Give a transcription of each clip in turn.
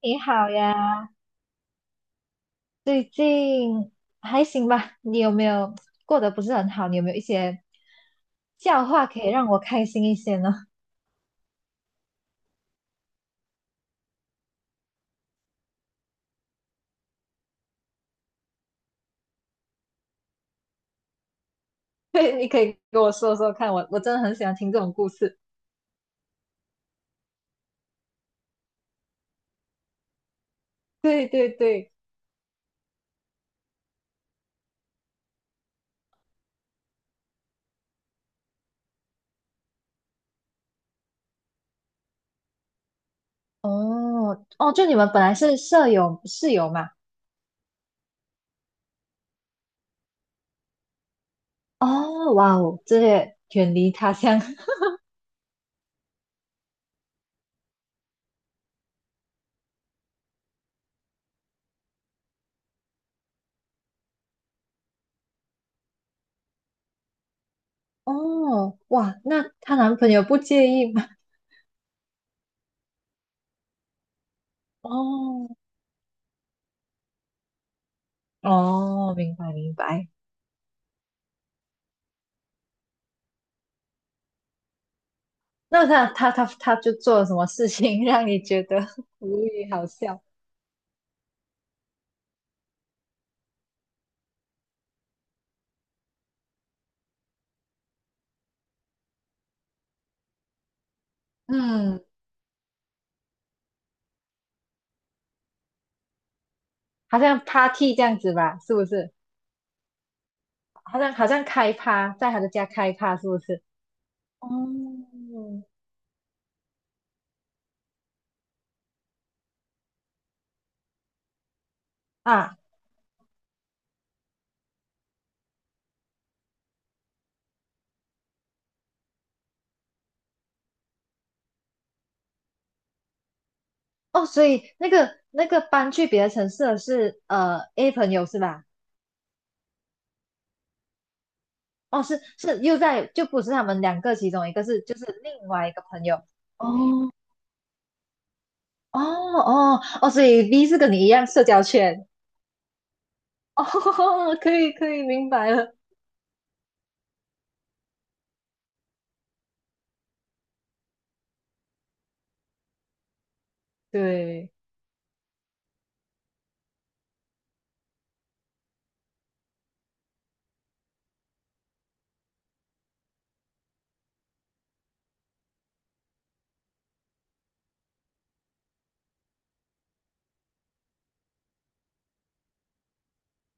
你好呀，最近还行吧？你有没有过得不是很好？你有没有一些笑话可以让我开心一些呢？对，你可以跟我说说看，我真的很喜欢听这种故事。对对对，哦哦，就你们本来是舍友室友嘛？哦，哇哦，这些远离他乡。哦，哇，那她男朋友不介意吗？哦哦，明白明白。那他就做了什么事情 让你觉得无语好笑？嗯，好像 party 这样子吧，是不是？好像开趴，在他的家开趴，是不是？哦，啊，哦，所以那个搬去别的城市的是A 朋友是吧？哦，是是又在就不是他们两个其中一个是就是另外一个朋友。哦哦，所以 B 是跟你一样社交圈。哦，可以明白了，对。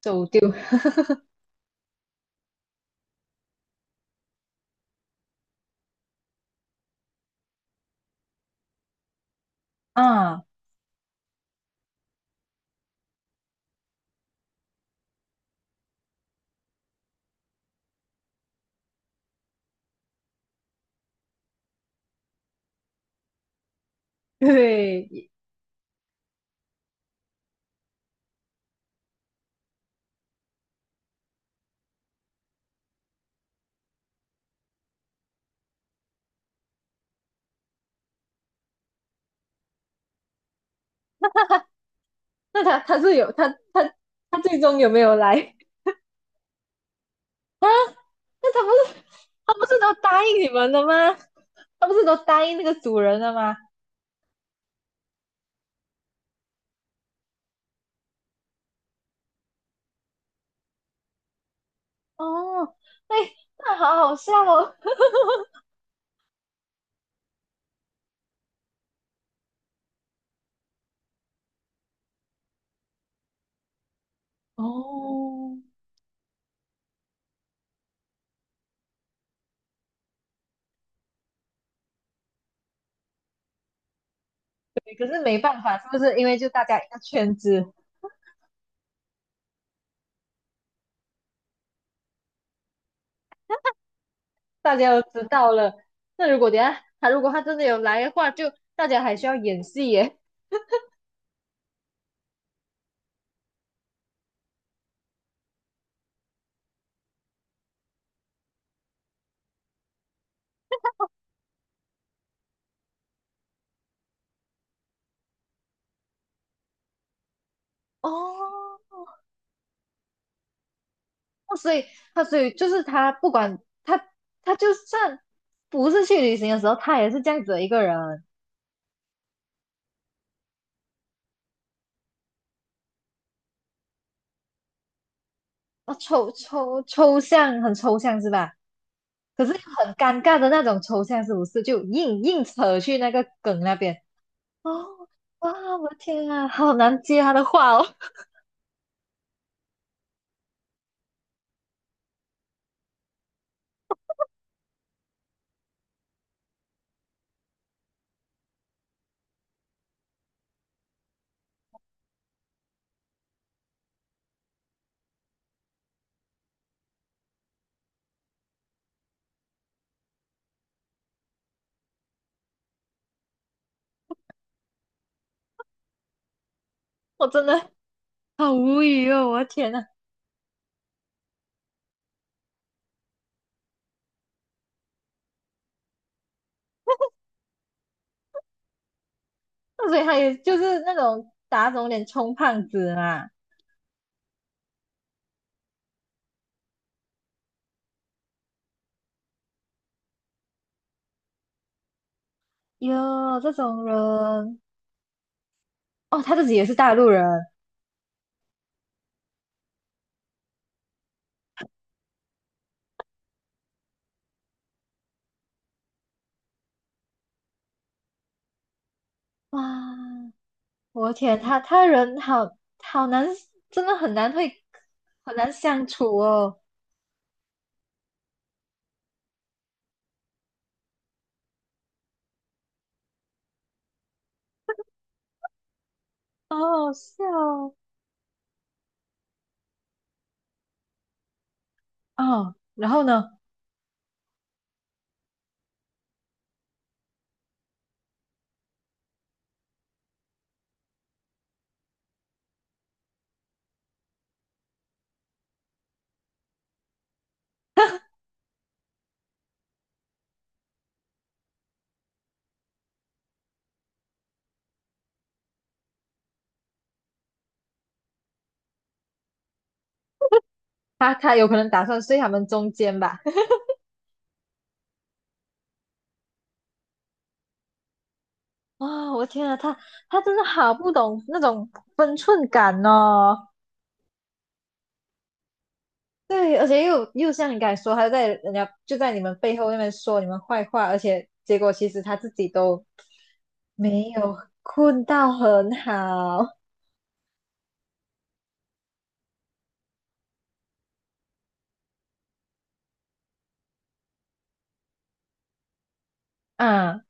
走丢。啊。对，那他他是有他他他最终有没有来？那他不是他不是都答应你们了吗？他不是都答应那个主人了吗？哦，哎，那好好笑哦。哦，对，可是没办法，是不是？因为就大家一个圈子，大家都知道了。那如果等一下他如果他真的有来的话，就大家还需要演戏耶。哦，那所以他所以就是他不管他他就算不是去旅行的时候，他也是这样子的一个人，啊，抽象很抽象是吧？可是又很尴尬的那种抽象，是不是？就硬扯去那个梗那边。哦，哇，我的天啊，好难接他的话哦，我真的好无语哦，我的天呐。那所以他也就是那种打肿脸充胖子嘛。哟，这种人，哦，他自己也是大陆人，哇。我天，他人好好难，真的很难会很难相处哦，好好笑哦。哦，然后呢，他他有可能打算睡他们中间吧？啊、我天啊，他他真的好不懂那种分寸感哦。对，而且又像你刚才说，他在人家就在你们背后那边说你们坏话，而且结果其实他自己都没有困到很好啊。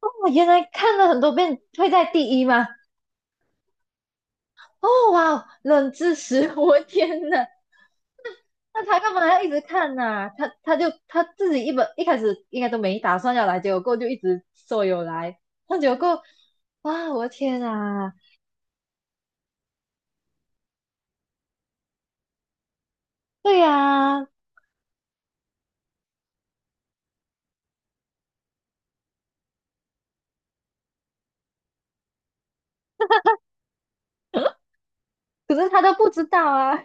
哦，原来看了很多遍会在第一吗？哦哇，冷知识，我天呐！那他干嘛要一直看呐、他他就他自己一本一开始应该都没打算要来，结果过后就一直说有来，那结果过后哇，我的天啊，对呀、可是他都不知道啊，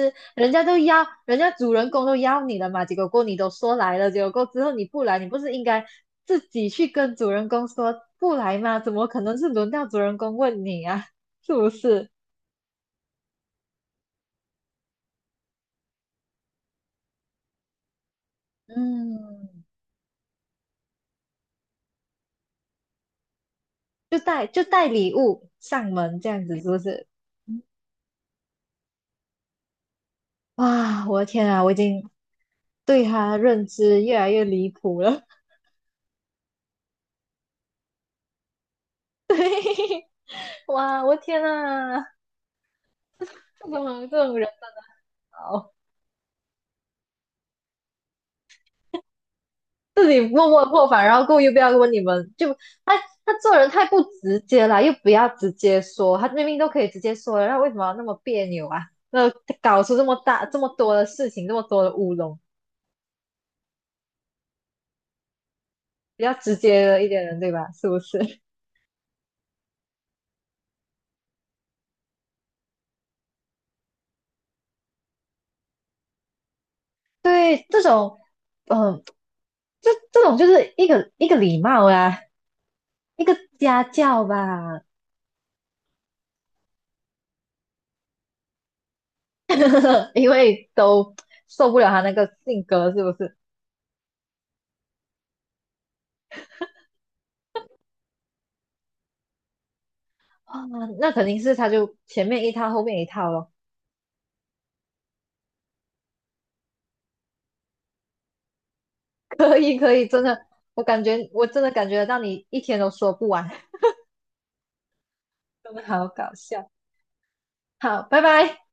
人家都邀，人家主人公都邀你了嘛，结果过后你都说来了，结果过后之后你不来，你不是应该自己去跟主人公说不来吗？怎么可能是轮到主人公问你啊？是不是？嗯，就带礼物上门这样子，是不是？哇，我的天啊，我已经对他认知越来越离谱了。对，哇，我的天啊，这种人真好自己默默破防，然后故意不要问你们，就他他做人太不直接了，又不要直接说，他明明都可以直接说了，那为什么要那么别扭啊？那搞出这么大这么多的事情，这么多的乌龙，比较直接的一点人，对吧？是不是？对，这种嗯、呃这这种就是一个礼貌啊，一个家教吧，因为都受不了他那个性格，是不是？啊，那肯定是他就前面一套，后面一套咯。可以，可以，真的，我感觉我真的感觉得到你一天都说不完，真的好搞笑。好，拜拜。